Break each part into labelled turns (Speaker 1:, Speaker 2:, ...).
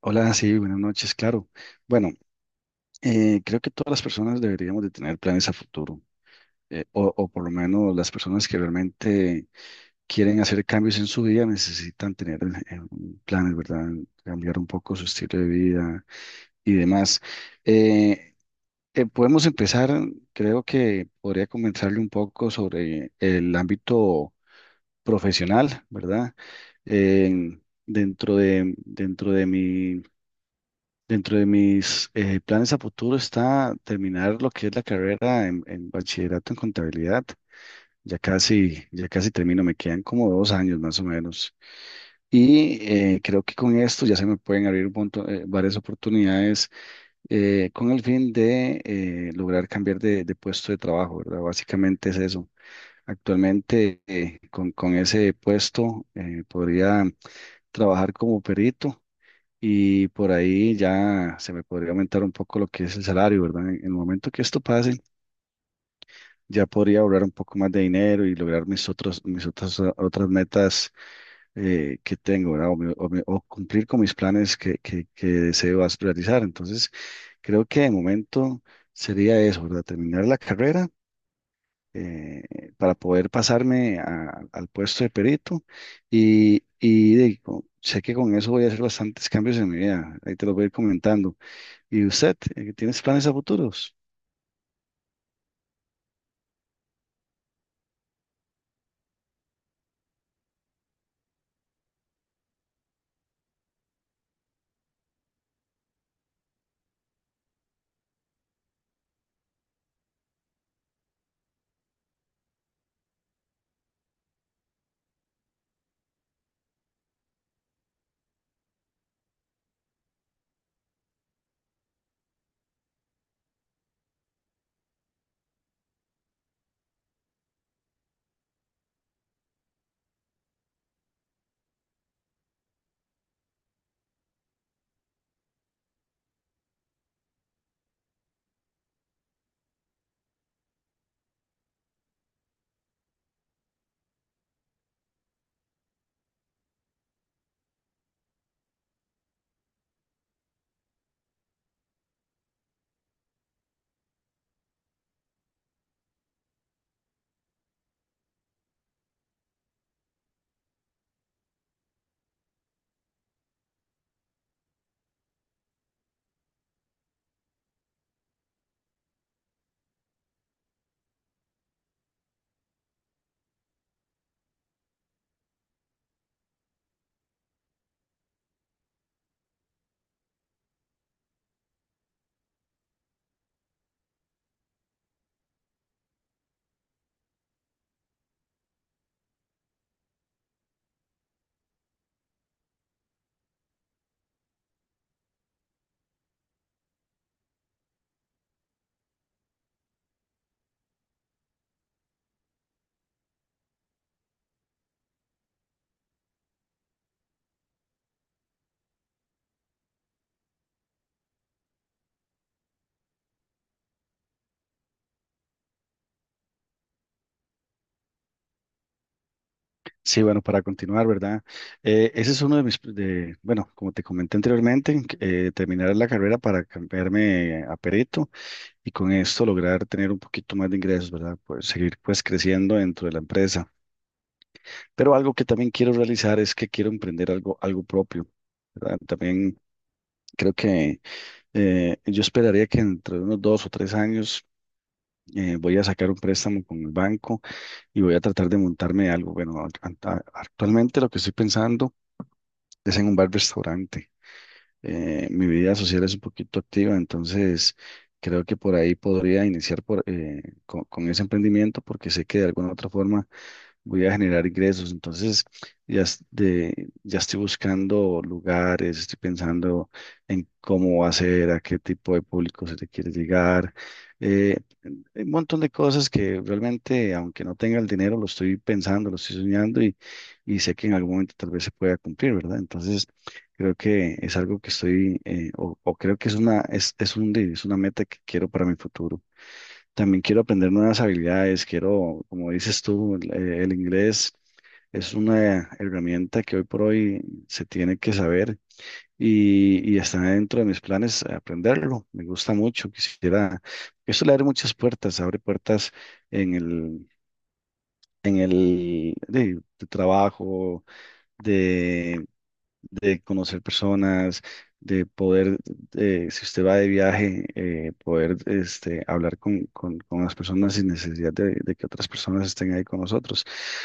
Speaker 1: Hola, sí, buenas noches, claro. Bueno, creo que todas las personas deberíamos de tener planes a futuro, o por lo menos las personas que realmente quieren hacer cambios en su vida necesitan tener un planes, ¿verdad? Cambiar un poco su estilo de vida y demás. Eh, Podemos empezar, creo que podría comentarle un poco sobre el ámbito profesional, ¿verdad? En- dentro de, dentro de mi Dentro de mis planes a futuro está terminar lo que es la carrera en bachillerato en contabilidad. Ya casi termino, me quedan como 2 años más o menos. Y creo que con esto ya se me pueden abrir varias oportunidades con el fin de lograr cambiar de puesto de trabajo, ¿verdad? Básicamente es eso. Actualmente con ese puesto podría trabajar como perito y por ahí ya se me podría aumentar un poco lo que es el salario, ¿verdad? En el momento que esto pase, ya podría ahorrar un poco más de dinero y lograr mis otras, otras metas que tengo, ¿verdad? O cumplir con mis planes que deseo aspirarizar. Entonces, creo que de momento sería eso, ¿verdad? Terminar la carrera. eh, para poder al puesto de perito y sé que con eso voy a hacer bastantes cambios en mi vida, ahí te los voy a ir comentando. ¿Y usted tienes planes a futuros? Sí, bueno, para continuar, ¿verdad? Ese es uno de bueno, como te comenté anteriormente, terminar la carrera para cambiarme a perito y con esto lograr tener un poquito más de ingresos, ¿verdad? Pues seguir pues creciendo dentro de la empresa. Pero algo que también quiero realizar es que quiero emprender algo, algo propio, ¿verdad? También creo que yo esperaría que entre unos 2 o 3 años voy a sacar un préstamo con el banco y voy a tratar de montarme algo. Actualmente lo que estoy pensando es en un bar-restaurante. Mi vida social es un poquito activa, entonces creo que por ahí podría iniciar con ese emprendimiento porque sé que de alguna u otra forma voy a generar ingresos. Entonces ya estoy buscando lugares, estoy pensando en cómo hacer, a qué tipo de público se te quiere llegar. Eh, Hay un montón de cosas que realmente, aunque no tenga el dinero, lo estoy pensando, lo estoy soñando y sé que en algún momento tal vez se pueda cumplir, ¿verdad? Entonces, creo que es algo que estoy, o creo que es una, es un, de- es una meta que quiero para mi futuro. También quiero aprender nuevas habilidades, quiero, como dices tú, el inglés es una herramienta que hoy por hoy se tiene que saber y está dentro de mis planes aprenderlo. Me gusta mucho, quisiera. Eso le abre muchas puertas, abre puertas en el, en el de trabajo, de, de conocer personas, de poder, si usted va de viaje, poder este, hablar con las personas sin necesidad de que otras personas estén ahí con nosotros.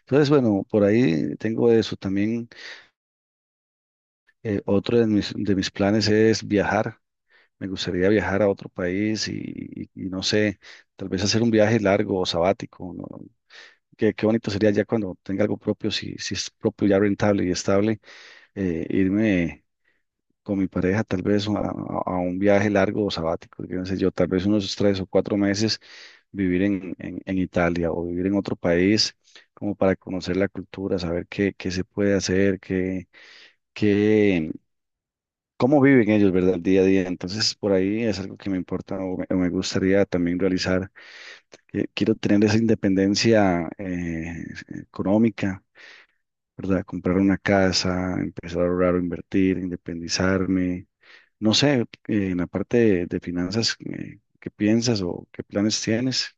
Speaker 1: Entonces, bueno, por ahí tengo eso también. Otro de de mis planes es viajar. Me gustaría viajar a otro país y no sé, tal vez hacer un viaje largo o sabático, ¿no? Qué, qué bonito sería ya cuando tenga algo propio, si, si es propio ya rentable y estable, irme con mi pareja tal vez a un viaje largo o sabático, yo no sé yo, tal vez unos 3 o 4 meses vivir en Italia o vivir en otro país como para conocer la cultura, saber qué, qué se puede hacer, qué, cómo viven ellos, ¿verdad? El día a día. Entonces, por ahí es algo que me importa o me gustaría también realizar. Que Quiero tener esa independencia económica, ¿verdad? Comprar una casa, empezar a ahorrar o invertir, independizarme. No sé, en la parte de finanzas, ¿qué piensas o qué planes tienes?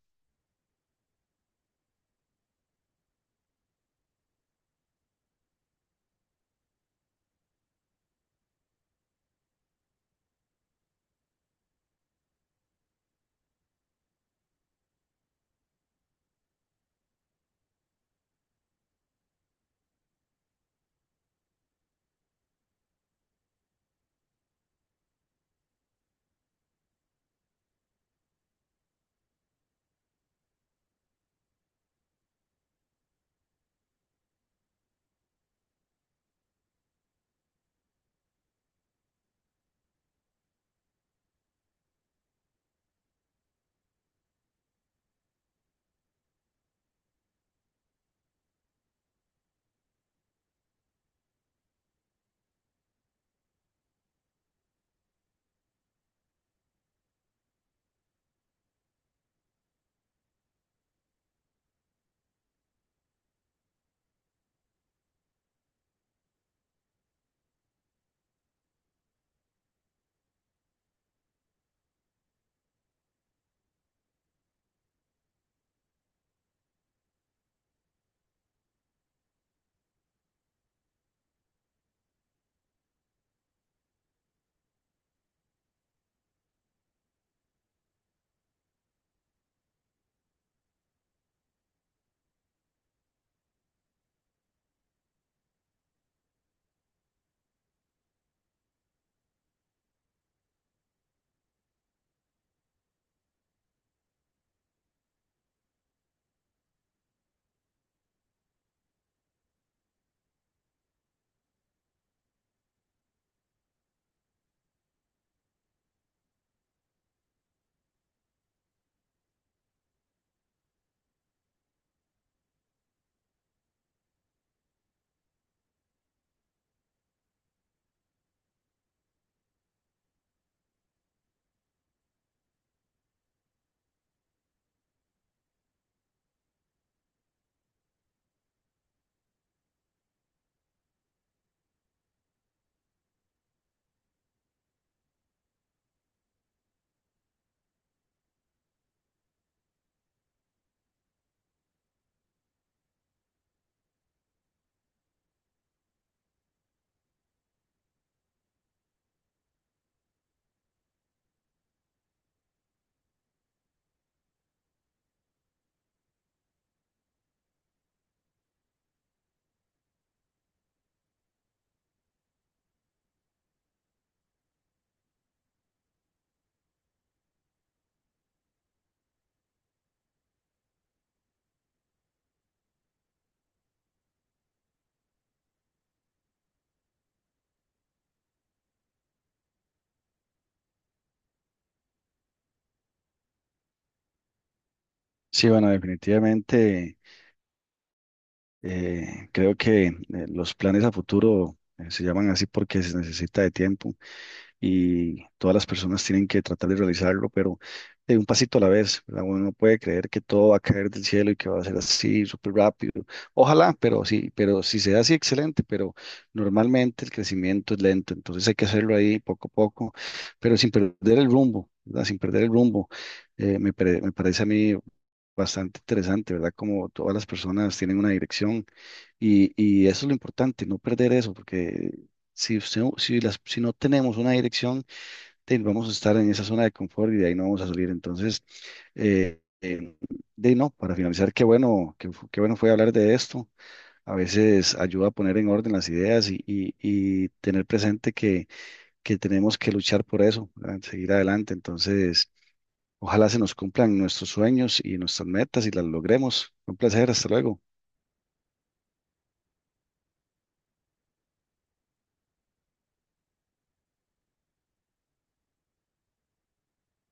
Speaker 1: Sí, bueno, definitivamente creo que los planes a futuro se llaman así porque se necesita de tiempo. Y todas las personas tienen que tratar de realizarlo, pero de un pasito a la vez, ¿verdad? Uno no puede creer que todo va a caer del cielo y que va a ser así, súper rápido. Ojalá, pero sí, pero si se da así, excelente, pero normalmente el crecimiento es lento, entonces hay que hacerlo ahí poco a poco, pero sin perder el rumbo, ¿verdad? Sin perder el rumbo. Me parece a mí bastante interesante, ¿verdad? Como todas las personas tienen una dirección y eso es lo importante, no perder eso, porque si no tenemos una dirección, vamos a estar en esa zona de confort y de ahí no vamos a salir. Entonces, eh, eh, de no, para finalizar, qué bueno fue hablar de esto. A veces ayuda a poner en orden las ideas y tener presente que tenemos que luchar por eso, ¿verdad? Seguir adelante. Entonces... Ojalá se nos cumplan nuestros sueños y nuestras metas y las logremos. Un placer, hasta luego.